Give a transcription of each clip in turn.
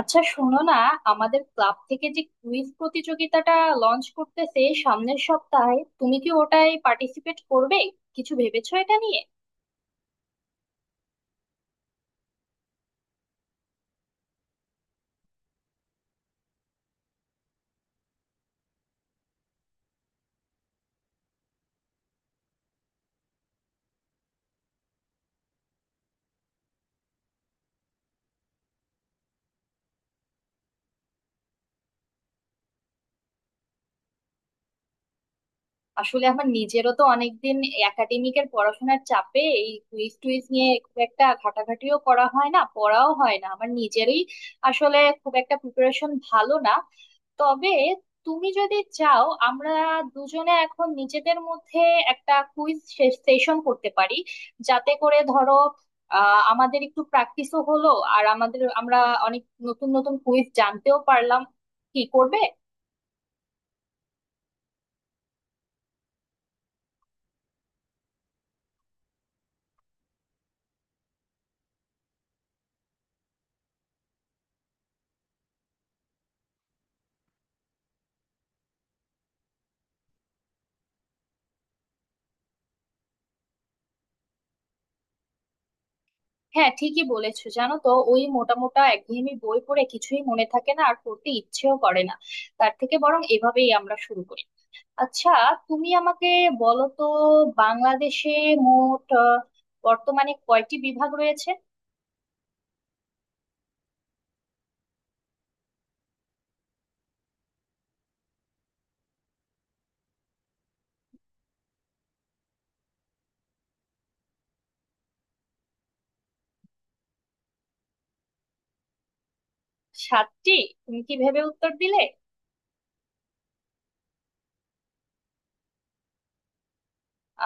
আচ্ছা, শোনো না। আমাদের ক্লাব থেকে যে কুইজ প্রতিযোগিতাটা লঞ্চ করতেছে সামনের সপ্তাহে, তুমি কি ওটায় পার্টিসিপেট করবে? কিছু ভেবেছো এটা নিয়ে? আসলে আমার নিজেরও তো অনেকদিন একাডেমিকের পড়াশোনার চাপে এই কুইজ টুইজ নিয়ে খুব একটা ঘাটাঘাটিও করা হয় না, পড়াও হয় না, আমার নিজেরই আসলে খুব একটা প্রিপারেশন ভালো না। তবে তুমি যদি চাও, আমরা দুজনে এখন নিজেদের মধ্যে একটা কুইজ সেশন করতে পারি, যাতে করে ধরো আমাদের একটু প্র্যাকটিসও হলো, আর আমরা অনেক নতুন নতুন কুইজ জানতেও পারলাম। কি করবে? হ্যাঁ, ঠিকই বলেছো। জানো তো, ওই মোটা মোটা একঘেয়েমি বই পড়ে কিছুই মনে থাকে না, আর পড়তে ইচ্ছেও করে না। তার থেকে বরং এভাবেই আমরা শুরু করি। আচ্ছা, তুমি আমাকে বলো তো, বাংলাদেশে মোট বর্তমানে কয়টি বিভাগ রয়েছে? সাতটি? তুমি কি ভেবে উত্তর দিলে?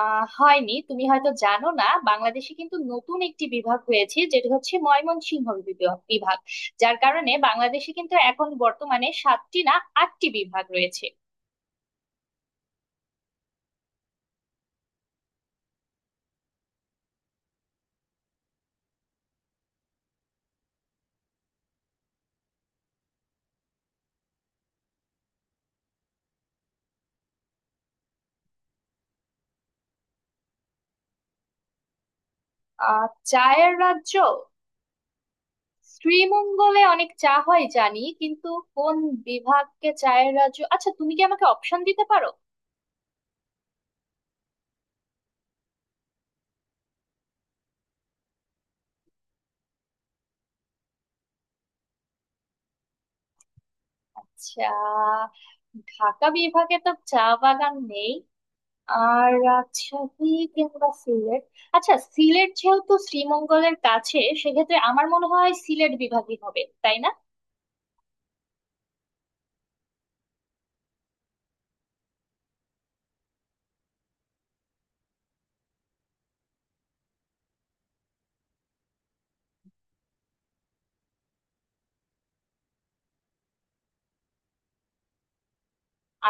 হয়নি। তুমি হয়তো জানো না, বাংলাদেশে কিন্তু নতুন একটি বিভাগ হয়েছে, যেটি হচ্ছে ময়মনসিংহ বিভাগ বিভাগ। যার কারণে বাংলাদেশে কিন্তু এখন বর্তমানে সাতটি না, আটটি বিভাগ রয়েছে। চায়ের রাজ্য? শ্রীমঙ্গলে অনেক চা হয় জানি, কিন্তু কোন বিভাগকে চায়ের রাজ্য? আচ্ছা, তুমি কি আমাকে অপশন দিতে পারো? আচ্ছা, ঢাকা বিভাগে তো চা বাগান নেই, আর রাজশাহী কিংবা সিলেট। আচ্ছা, সিলেট যেহেতু শ্রীমঙ্গলের কাছে, সেক্ষেত্রে আমার মনে হয় সিলেট বিভাগই হবে, তাই না?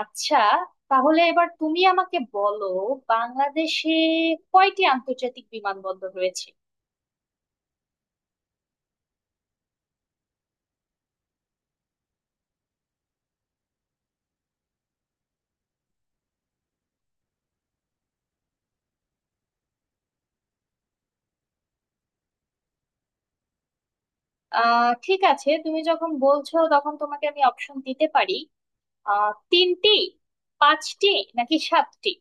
আচ্ছা, তাহলে এবার তুমি আমাকে বলো, বাংলাদেশে কয়টি আন্তর্জাতিক বিমানবন্দর রয়েছে? ঠিক আছে, তুমি যখন বলছো, তখন তোমাকে আমি অপশন দিতে পারি। তিনটি, পাঁচটি, নাকি সাতটি?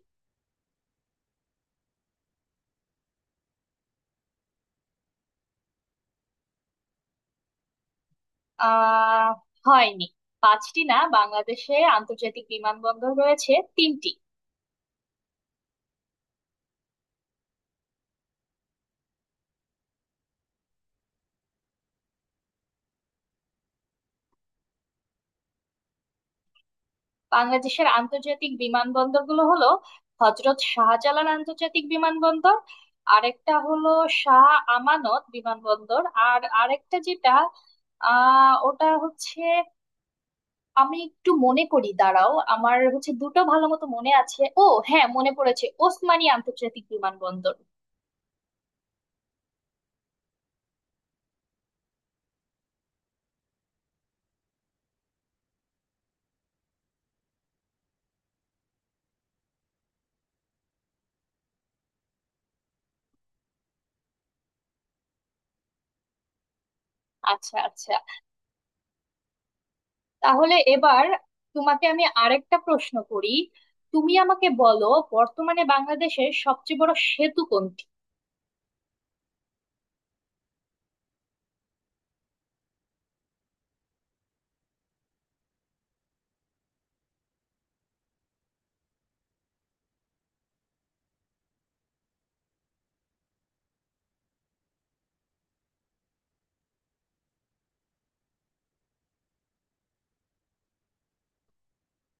আহ হয়নি। পাঁচটি না, বাংলাদেশে আন্তর্জাতিক বিমানবন্দর রয়েছে তিনটি। বাংলাদেশের আন্তর্জাতিক বিমানবন্দরগুলো হলো হজরত শাহজালাল আন্তর্জাতিক বিমানবন্দর, আরেকটা হলো শাহ আমানত বিমানবন্দর, আর আরেকটা যেটা ওটা হচ্ছে, আমি একটু মনে করি, দাঁড়াও। আমার হচ্ছে দুটো ভালো মতো মনে আছে। ও হ্যাঁ, মনে পড়েছে, ওসমানী আন্তর্জাতিক বিমানবন্দর। আচ্ছা, আচ্ছা। তাহলে এবার তোমাকে আমি আরেকটা প্রশ্ন করি। তুমি আমাকে বলো, বর্তমানে বাংলাদেশের সবচেয়ে বড় সেতু কোনটি?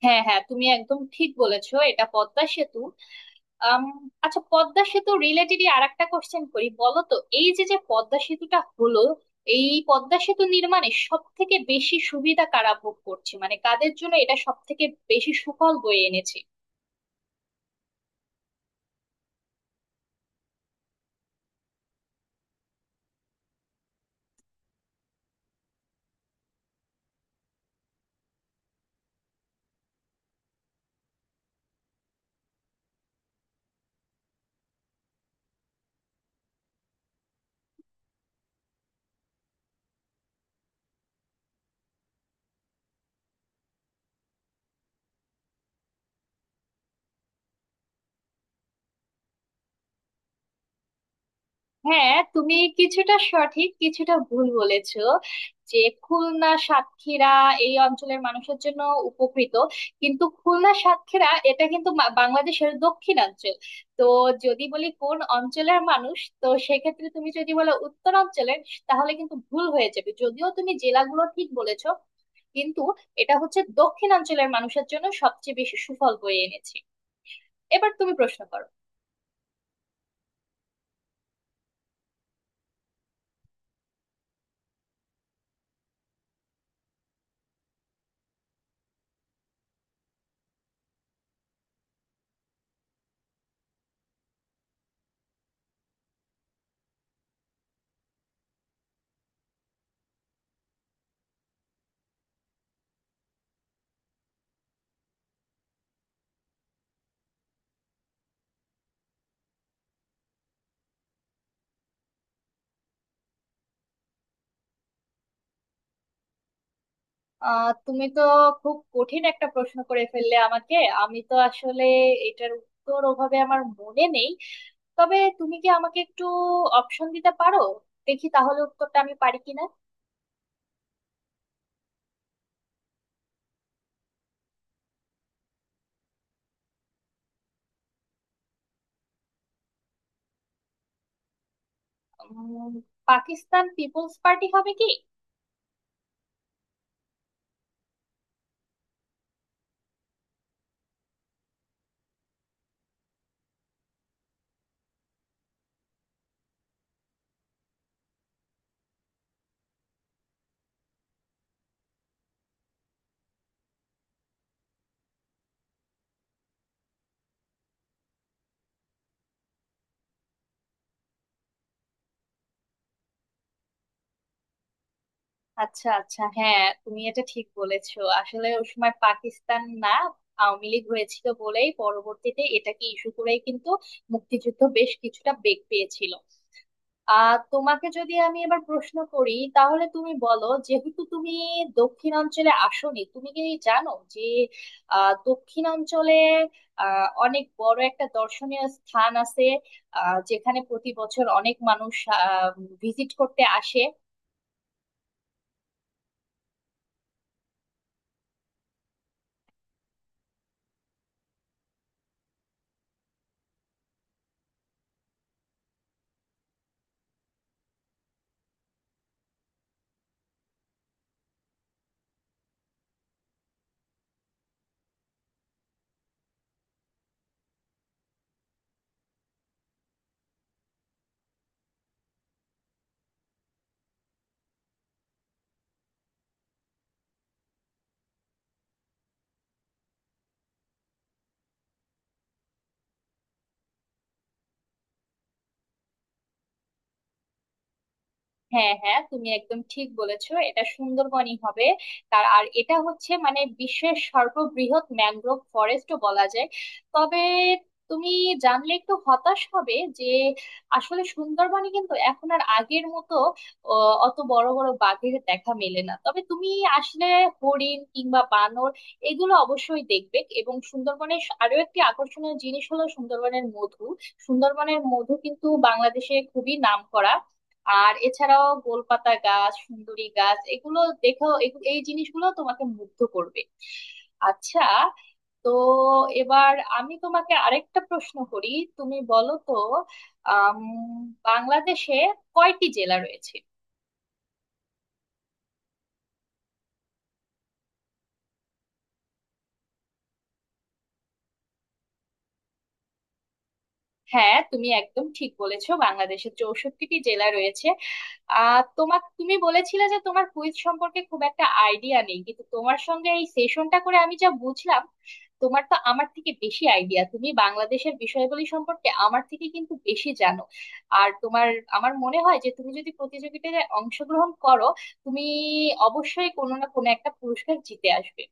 হ্যাঁ, হ্যাঁ, তুমি একদম ঠিক বলেছো, এটা পদ্মা সেতু। আম, আচ্ছা, পদ্মা সেতু রিলেটেডই আরেকটা কোশ্চেন করি। বলো তো, এই যে যে পদ্মা সেতুটা হলো, এই পদ্মা সেতু নির্মাণে সব থেকে বেশি সুবিধা কারা ভোগ করছে? মানে কাদের জন্য এটা সব থেকে বেশি সুফল বয়ে এনেছে? হ্যাঁ, তুমি কিছুটা সঠিক, কিছুটা ভুল বলেছো। যে খুলনা, সাতক্ষীরা এই অঞ্চলের মানুষের জন্য উপকৃত, কিন্তু খুলনা, সাতক্ষীরা এটা কিন্তু বাংলাদেশের দক্ষিণাঞ্চল। তো যদি বলি কোন অঞ্চলের মানুষ, তো সেক্ষেত্রে তুমি যদি বলো উত্তরাঞ্চলের, তাহলে কিন্তু ভুল হয়ে যাবে। যদিও তুমি জেলাগুলো ঠিক বলেছো, কিন্তু এটা হচ্ছে দক্ষিণাঞ্চলের মানুষের জন্য সবচেয়ে বেশি সুফল বয়ে এনেছে। এবার তুমি প্রশ্ন করো। তুমি তো খুব কঠিন একটা প্রশ্ন করে ফেললে আমাকে। আমি তো আসলে এটার উত্তর ওভাবে আমার মনে নেই। তবে তুমি কি আমাকে একটু অপশন দিতে পারো? দেখি তাহলে উত্তরটা আমি পারি কিনা। উম, পাকিস্তান পিপলস পার্টি হবে কি? আচ্ছা, আচ্ছা, হ্যাঁ, তুমি এটা ঠিক বলেছো। আসলে ওই সময় পাকিস্তান না, আওয়ামী লীগ হয়েছিল বলেই পরবর্তীতে এটাকে ইস্যু করেই কিন্তু মুক্তিযুদ্ধ বেশ কিছুটা বেগ পেয়েছিল। তোমাকে যদি আমি এবার প্রশ্ন করি, তাহলে তুমি বলো, যেহেতু তুমি দক্ষিণাঞ্চলে আসোনি, তুমি কি জানো যে দক্ষিণাঞ্চলে অনেক বড় একটা দর্শনীয় স্থান আছে, যেখানে প্রতি বছর অনেক মানুষ ভিজিট করতে আসে? হ্যাঁ, হ্যাঁ, তুমি একদম ঠিক বলেছো, এটা সুন্দরবনই হবে। তার আর এটা হচ্ছে মানে বিশ্বের সর্ববৃহৎ ম্যানগ্রোভ ফরেস্টও বলা যায়। তবে তুমি জানলে একটু হতাশ হবে যে আসলে সুন্দরবনে কিন্তু এখন আর আগের মতো অ, অত বড় বড় বাঘের দেখা মেলে না। তবে তুমি আসলে হরিণ কিংবা বানর এগুলো অবশ্যই দেখবে, এবং সুন্দরবনের আরো একটি আকর্ষণীয় জিনিস হলো সুন্দরবনের মধু। সুন্দরবনের মধু কিন্তু বাংলাদেশে খুবই নামকরা। আর এছাড়াও গোলপাতা গাছ, সুন্দরী গাছ, এগুলো দেখো, এই জিনিসগুলো তোমাকে মুগ্ধ করবে। আচ্ছা, তো এবার আমি তোমাকে আরেকটা প্রশ্ন করি। তুমি বলো তো, আম, বাংলাদেশে কয়টি জেলা রয়েছে? হ্যাঁ, তুমি একদম ঠিক বলেছো, বাংলাদেশে 64টি জেলা রয়েছে। তুমি বলেছিলে যে তোমার কুইজ সম্পর্কে খুব একটা আইডিয়া নেই, কিন্তু তোমার সঙ্গে এই সেশনটা করে আমি যা বুঝলাম, তোমার তো আমার থেকে বেশি আইডিয়া। তুমি বাংলাদেশের বিষয়গুলি সম্পর্কে আমার থেকে কিন্তু বেশি জানো। আর তোমার, আমার মনে হয় যে তুমি যদি প্রতিযোগিতায় অংশগ্রহণ করো, তুমি অবশ্যই কোনো না কোনো একটা পুরস্কার জিতে আসবে।